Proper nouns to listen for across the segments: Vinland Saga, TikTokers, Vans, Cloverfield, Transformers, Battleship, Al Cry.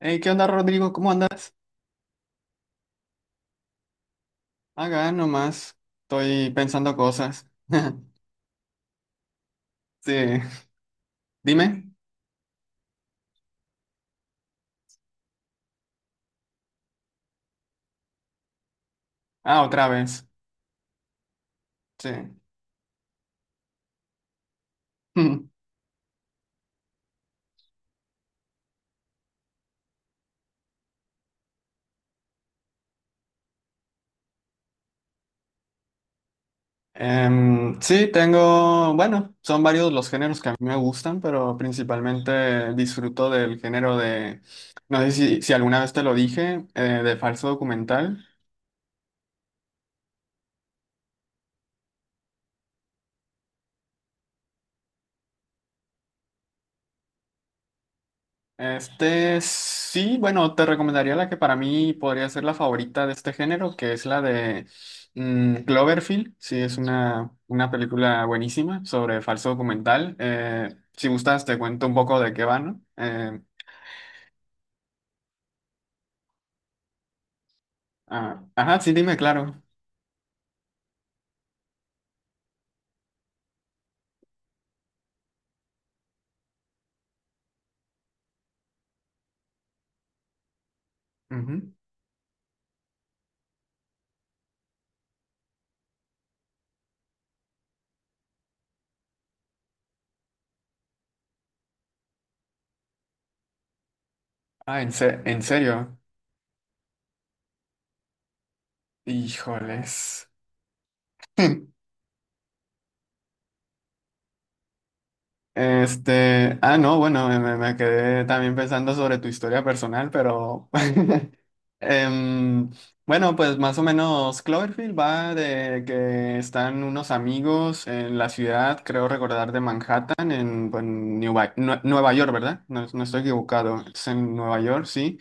Hey, ¿qué onda, Rodrigo? ¿Cómo andas? Acá nomás. Estoy pensando cosas. Sí. Dime. Ah, otra vez. Sí. Sí, tengo. Bueno, son varios los géneros que a mí me gustan, pero principalmente disfruto del género de. No sé si alguna vez te lo dije, de falso documental. Este sí, bueno, te recomendaría la que para mí podría ser la favorita de este género, que es la de Cloverfield. Sí, es una película buenísima sobre falso documental. Si gustas, te cuento un poco de qué va, ¿no? Ajá, sí, dime, claro. Ujú. Ah, en serio. Híjoles. Ah, no, bueno, me quedé también pensando sobre tu historia personal, pero em, bueno, pues más o menos Cloverfield va de que están unos amigos en la ciudad, creo recordar de Manhattan, pues, Nueva York, ¿verdad? No, no estoy equivocado, es en Nueva York, sí.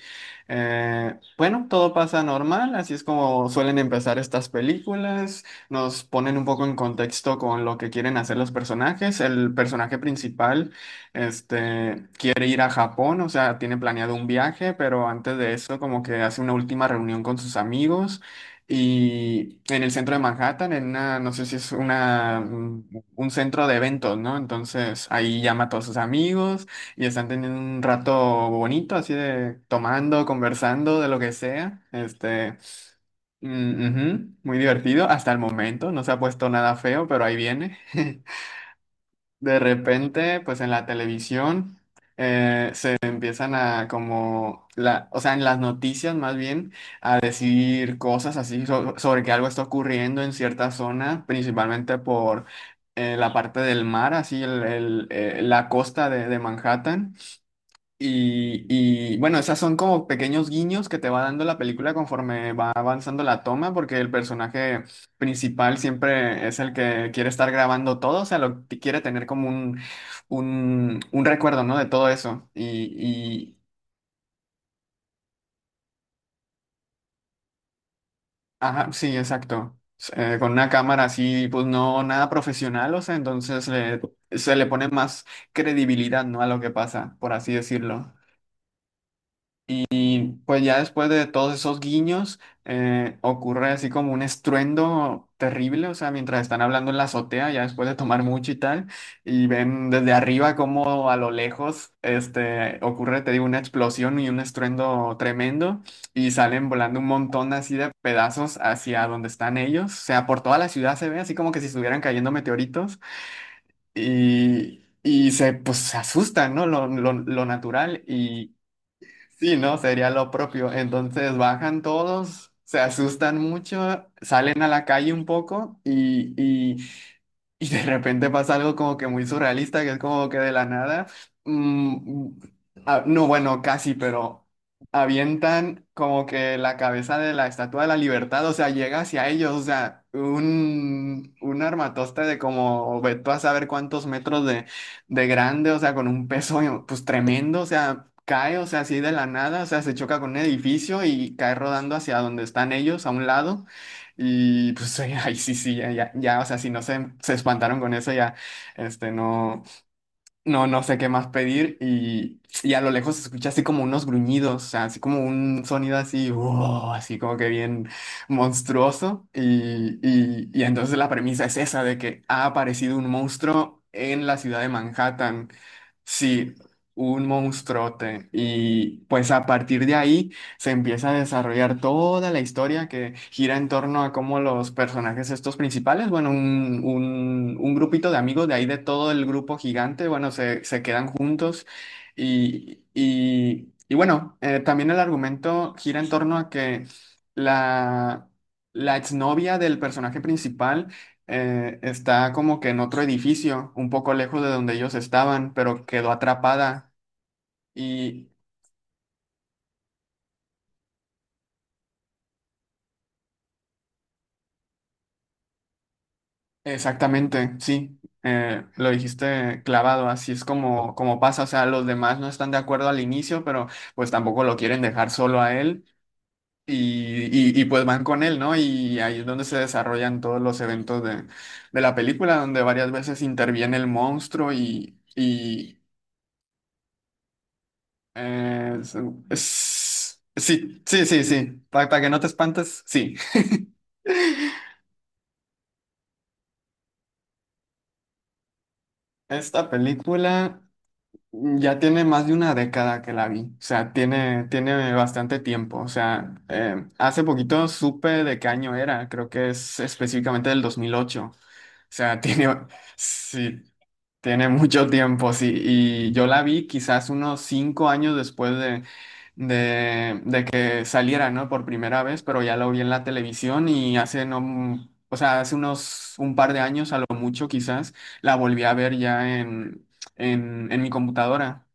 Bueno, todo pasa normal, así es como suelen empezar estas películas. Nos ponen un poco en contexto con lo que quieren hacer los personajes. El personaje principal, quiere ir a Japón, o sea, tiene planeado un viaje, pero antes de eso como que hace una última reunión con sus amigos y en el centro de Manhattan, en una, no sé si es una, un centro de eventos, ¿no? Entonces ahí llama a todos sus amigos y están teniendo un rato bonito, así de tomando, conversando, de lo que sea. Mm, ujú, muy divertido hasta el momento, no se ha puesto nada feo, pero ahí viene. De repente, pues en la televisión se empiezan a como, o sea, en las noticias más bien, a decir cosas así sobre que algo está ocurriendo en cierta zona, principalmente por la parte del mar, así la costa de Manhattan. Bueno, esas son como pequeños guiños que te va dando la película conforme va avanzando la toma, porque el personaje principal siempre es el que quiere estar grabando todo, o sea, lo que quiere tener como un recuerdo, ¿no? De todo eso. Y ajá, sí, exacto. Con una cámara así, pues no nada profesional, o sea, entonces se le pone más credibilidad, ¿no? A lo que pasa, por así decirlo. Pues ya después de todos esos guiños, ocurre así como un estruendo terrible, o sea, mientras están hablando en la azotea, ya después de tomar mucho y tal, y ven desde arriba como a lo lejos, ocurre, te digo, una explosión y un estruendo tremendo, y salen volando un montón así de pedazos hacia donde están ellos, o sea, por toda la ciudad se ve así como que si estuvieran cayendo meteoritos, y... Y se, pues, se asustan, ¿no? Lo natural. Sí, ¿no? Sería lo propio. Entonces bajan todos, se asustan mucho, salen a la calle un poco y de repente pasa algo como que muy surrealista, que es como que de la nada. mm, ah, no, bueno, casi, pero avientan como que la cabeza de la Estatua de la Libertad, o sea, llega hacia ellos, o sea, un armatoste de como, ve tú a saber cuántos metros de grande, o sea, con un peso pues tremendo, o sea, cae, o sea, así de la nada, o sea, se choca con un edificio y cae rodando hacia donde están ellos, a un lado. Y pues ahí sí, sí, ya, ya, ya, o sea, si no se espantaron con eso, ya, no, no, no sé qué más pedir y a lo lejos se escucha así como unos gruñidos, o sea, así como un sonido así, wow, así como que bien monstruoso y entonces la premisa es esa de que ha aparecido un monstruo en la ciudad de Manhattan. Sí, un monstruote. Y pues a partir de ahí se empieza a desarrollar toda la historia que gira en torno a cómo los personajes estos principales, bueno, un grupito de amigos de ahí de todo el grupo gigante, bueno, se quedan juntos y bueno, también el argumento gira en torno a que la, la exnovia del personaje principal está como que en otro edificio, un poco lejos de donde ellos estaban, pero quedó atrapada. Y exactamente, sí, lo dijiste clavado, así es como, como pasa. O sea, los demás no están de acuerdo al inicio, pero pues tampoco lo quieren dejar solo a él. Pues van con él, ¿no? Y ahí es donde se desarrollan todos los eventos de la película, donde varias veces interviene el monstruo y Eh, es- sí, sí, sí, sí. Para que no te espantes, sí. Esta película ya tiene más de una década que la vi. O sea, tiene bastante tiempo. O sea, hace poquito supe de qué año era. Creo que es específicamente del 2008. O sea, tiene, sí, tiene mucho tiempo, sí. Y yo la vi quizás unos 5 años después de que saliera, ¿no? Por primera vez, pero ya lo vi en la televisión y hace no, o sea, hace unos un par de años a lo mucho quizás la volví a ver ya en, en mi computadora.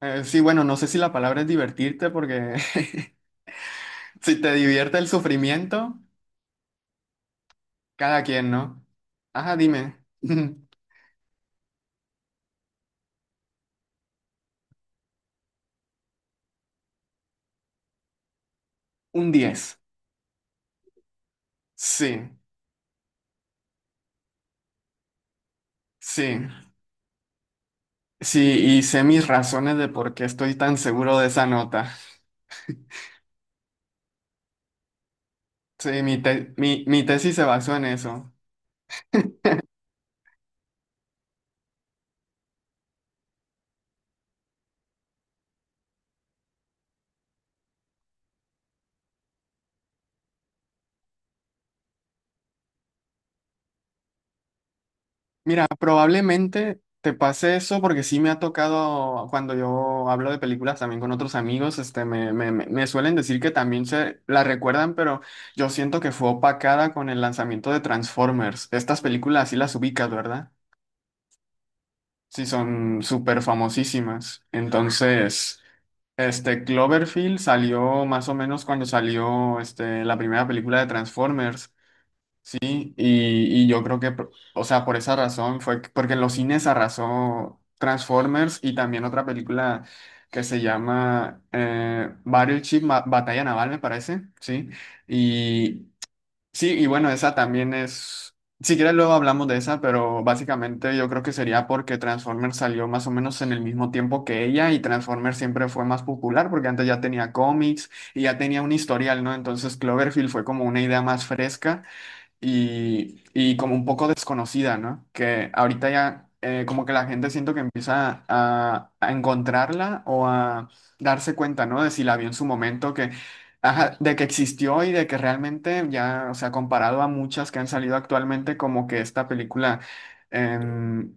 Sí, bueno, no sé si la palabra es divertirte porque si te divierte el sufrimiento, cada quien, ¿no? Ajá, dime. Un 10. Sí, sí. Sí, y sé mis razones de por qué estoy tan seguro de esa nota. Sí, mi tesis se basó en eso. Mira, probablemente te pase eso porque sí me ha tocado cuando yo hablo de películas también con otros amigos, este, me suelen decir que también se la recuerdan, pero yo siento que fue opacada con el lanzamiento de Transformers. Estas películas sí las ubicas, ¿verdad? Sí, son súper famosísimas. Entonces... Este Cloverfield salió más o menos cuando salió este, la primera película de Transformers, ¿sí? Y yo creo que, por- o sea, por esa razón fue que- porque en los cines arrasó Transformers y también otra película que se llama Battleship, Batalla Naval, me parece, ¿sí? Sí, y bueno, esa también es, si quieres luego hablamos de esa, pero básicamente yo creo que sería porque Transformers salió más o menos en el mismo tiempo que ella y Transformers siempre fue más popular porque antes ya tenía cómics y ya tenía un historial, ¿no? Entonces Cloverfield fue como una idea más fresca y como un poco desconocida, ¿no? Que ahorita ya como que la gente siento que empieza a encontrarla o a darse cuenta, ¿no? De si la vio en su momento, que, ajá, de que existió y de que realmente ya, o sea, comparado a muchas que han salido actualmente, como que esta película... em,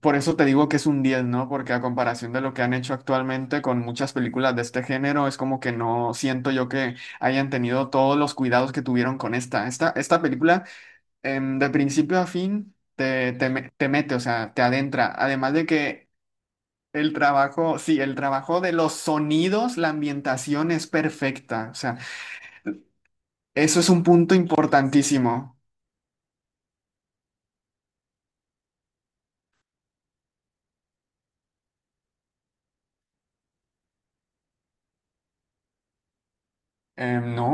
por eso te digo que es un 10, ¿no? Porque a comparación de lo que han hecho actualmente con muchas películas de este género, es como que no siento yo que hayan tenido todos los cuidados que tuvieron con esta. Esta película de principio a fin te mete, o sea, te adentra. Además de que el trabajo, sí, el trabajo de los sonidos, la ambientación es perfecta. O sea, eso es un punto importantísimo. No,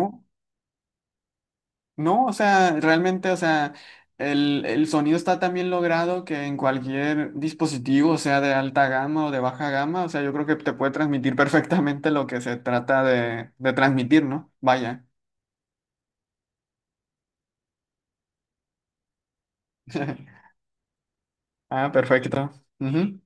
no, o sea, realmente, o sea, el sonido está tan bien logrado que en cualquier dispositivo, sea de alta gama o de baja gama, o sea, yo creo que te puede transmitir perfectamente lo que se trata de transmitir, ¿no? Vaya. Ah, perfecto. Ujú.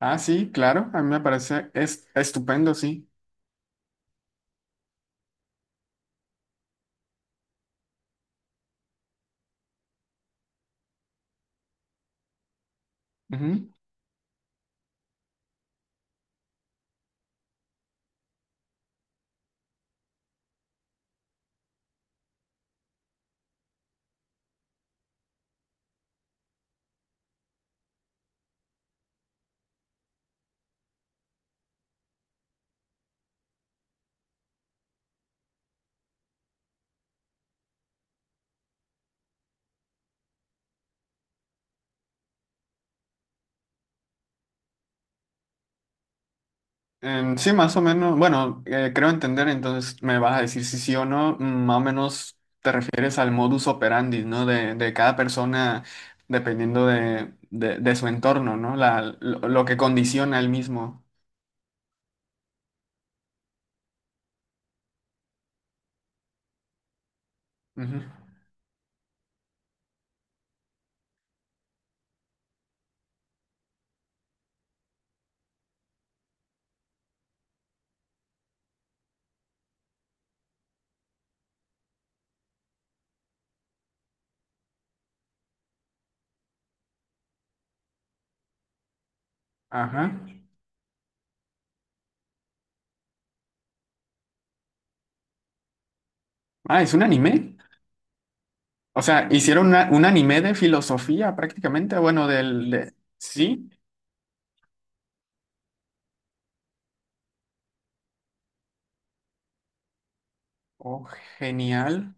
Ah, sí, claro, a mí me parece es estupendo, sí. Ujú. Sí, más o menos, bueno, creo entender, entonces me vas a decir si sí o no, más o menos te refieres al modus operandi, ¿no? De cada persona dependiendo de su entorno, ¿no? Lo que condiciona el mismo. Ujú. Ajá. Ah, ¿es un anime? O sea, hicieron una- un anime de filosofía prácticamente, bueno, del... de- Sí, oh, genial.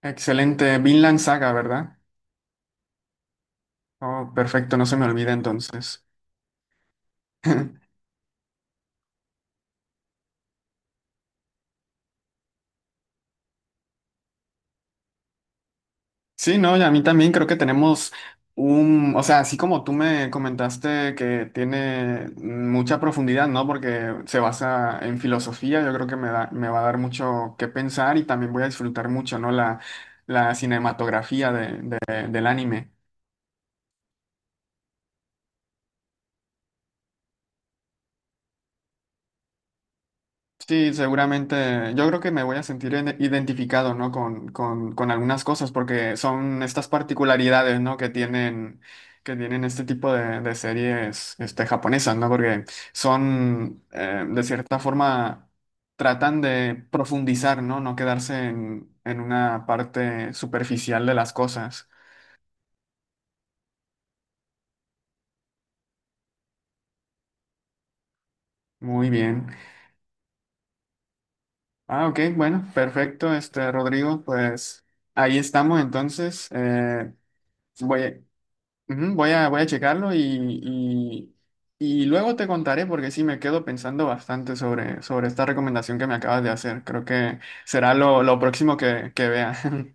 Excelente, Vinland Saga, ¿verdad? Oh, perfecto, no se me olvida entonces. Sí, no, y a mí también creo que tenemos o sea, así como tú me comentaste que tiene mucha profundidad, ¿no? Porque se basa en filosofía, yo creo que me da, me va a dar mucho que pensar y también voy a disfrutar mucho, ¿no? La cinematografía del anime. Sí, seguramente. Yo creo que me voy a sentir ide- identificado, ¿no? Con algunas cosas, porque son estas particularidades, ¿no? Que tienen este tipo de series, japonesas, ¿no? Porque son, de cierta forma, tratan de profundizar, ¿no? No quedarse en una parte superficial de las cosas. Muy bien. Ah, ok, bueno, perfecto, Rodrigo, pues ahí estamos entonces. Voy, Ujú. Voy a checarlo y, luego te contaré porque sí me quedo pensando bastante sobre esta recomendación que me acabas de hacer. Creo que será lo próximo que vea.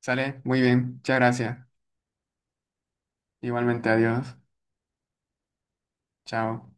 Sale, muy bien, muchas gracias. Igualmente, adiós. Chao.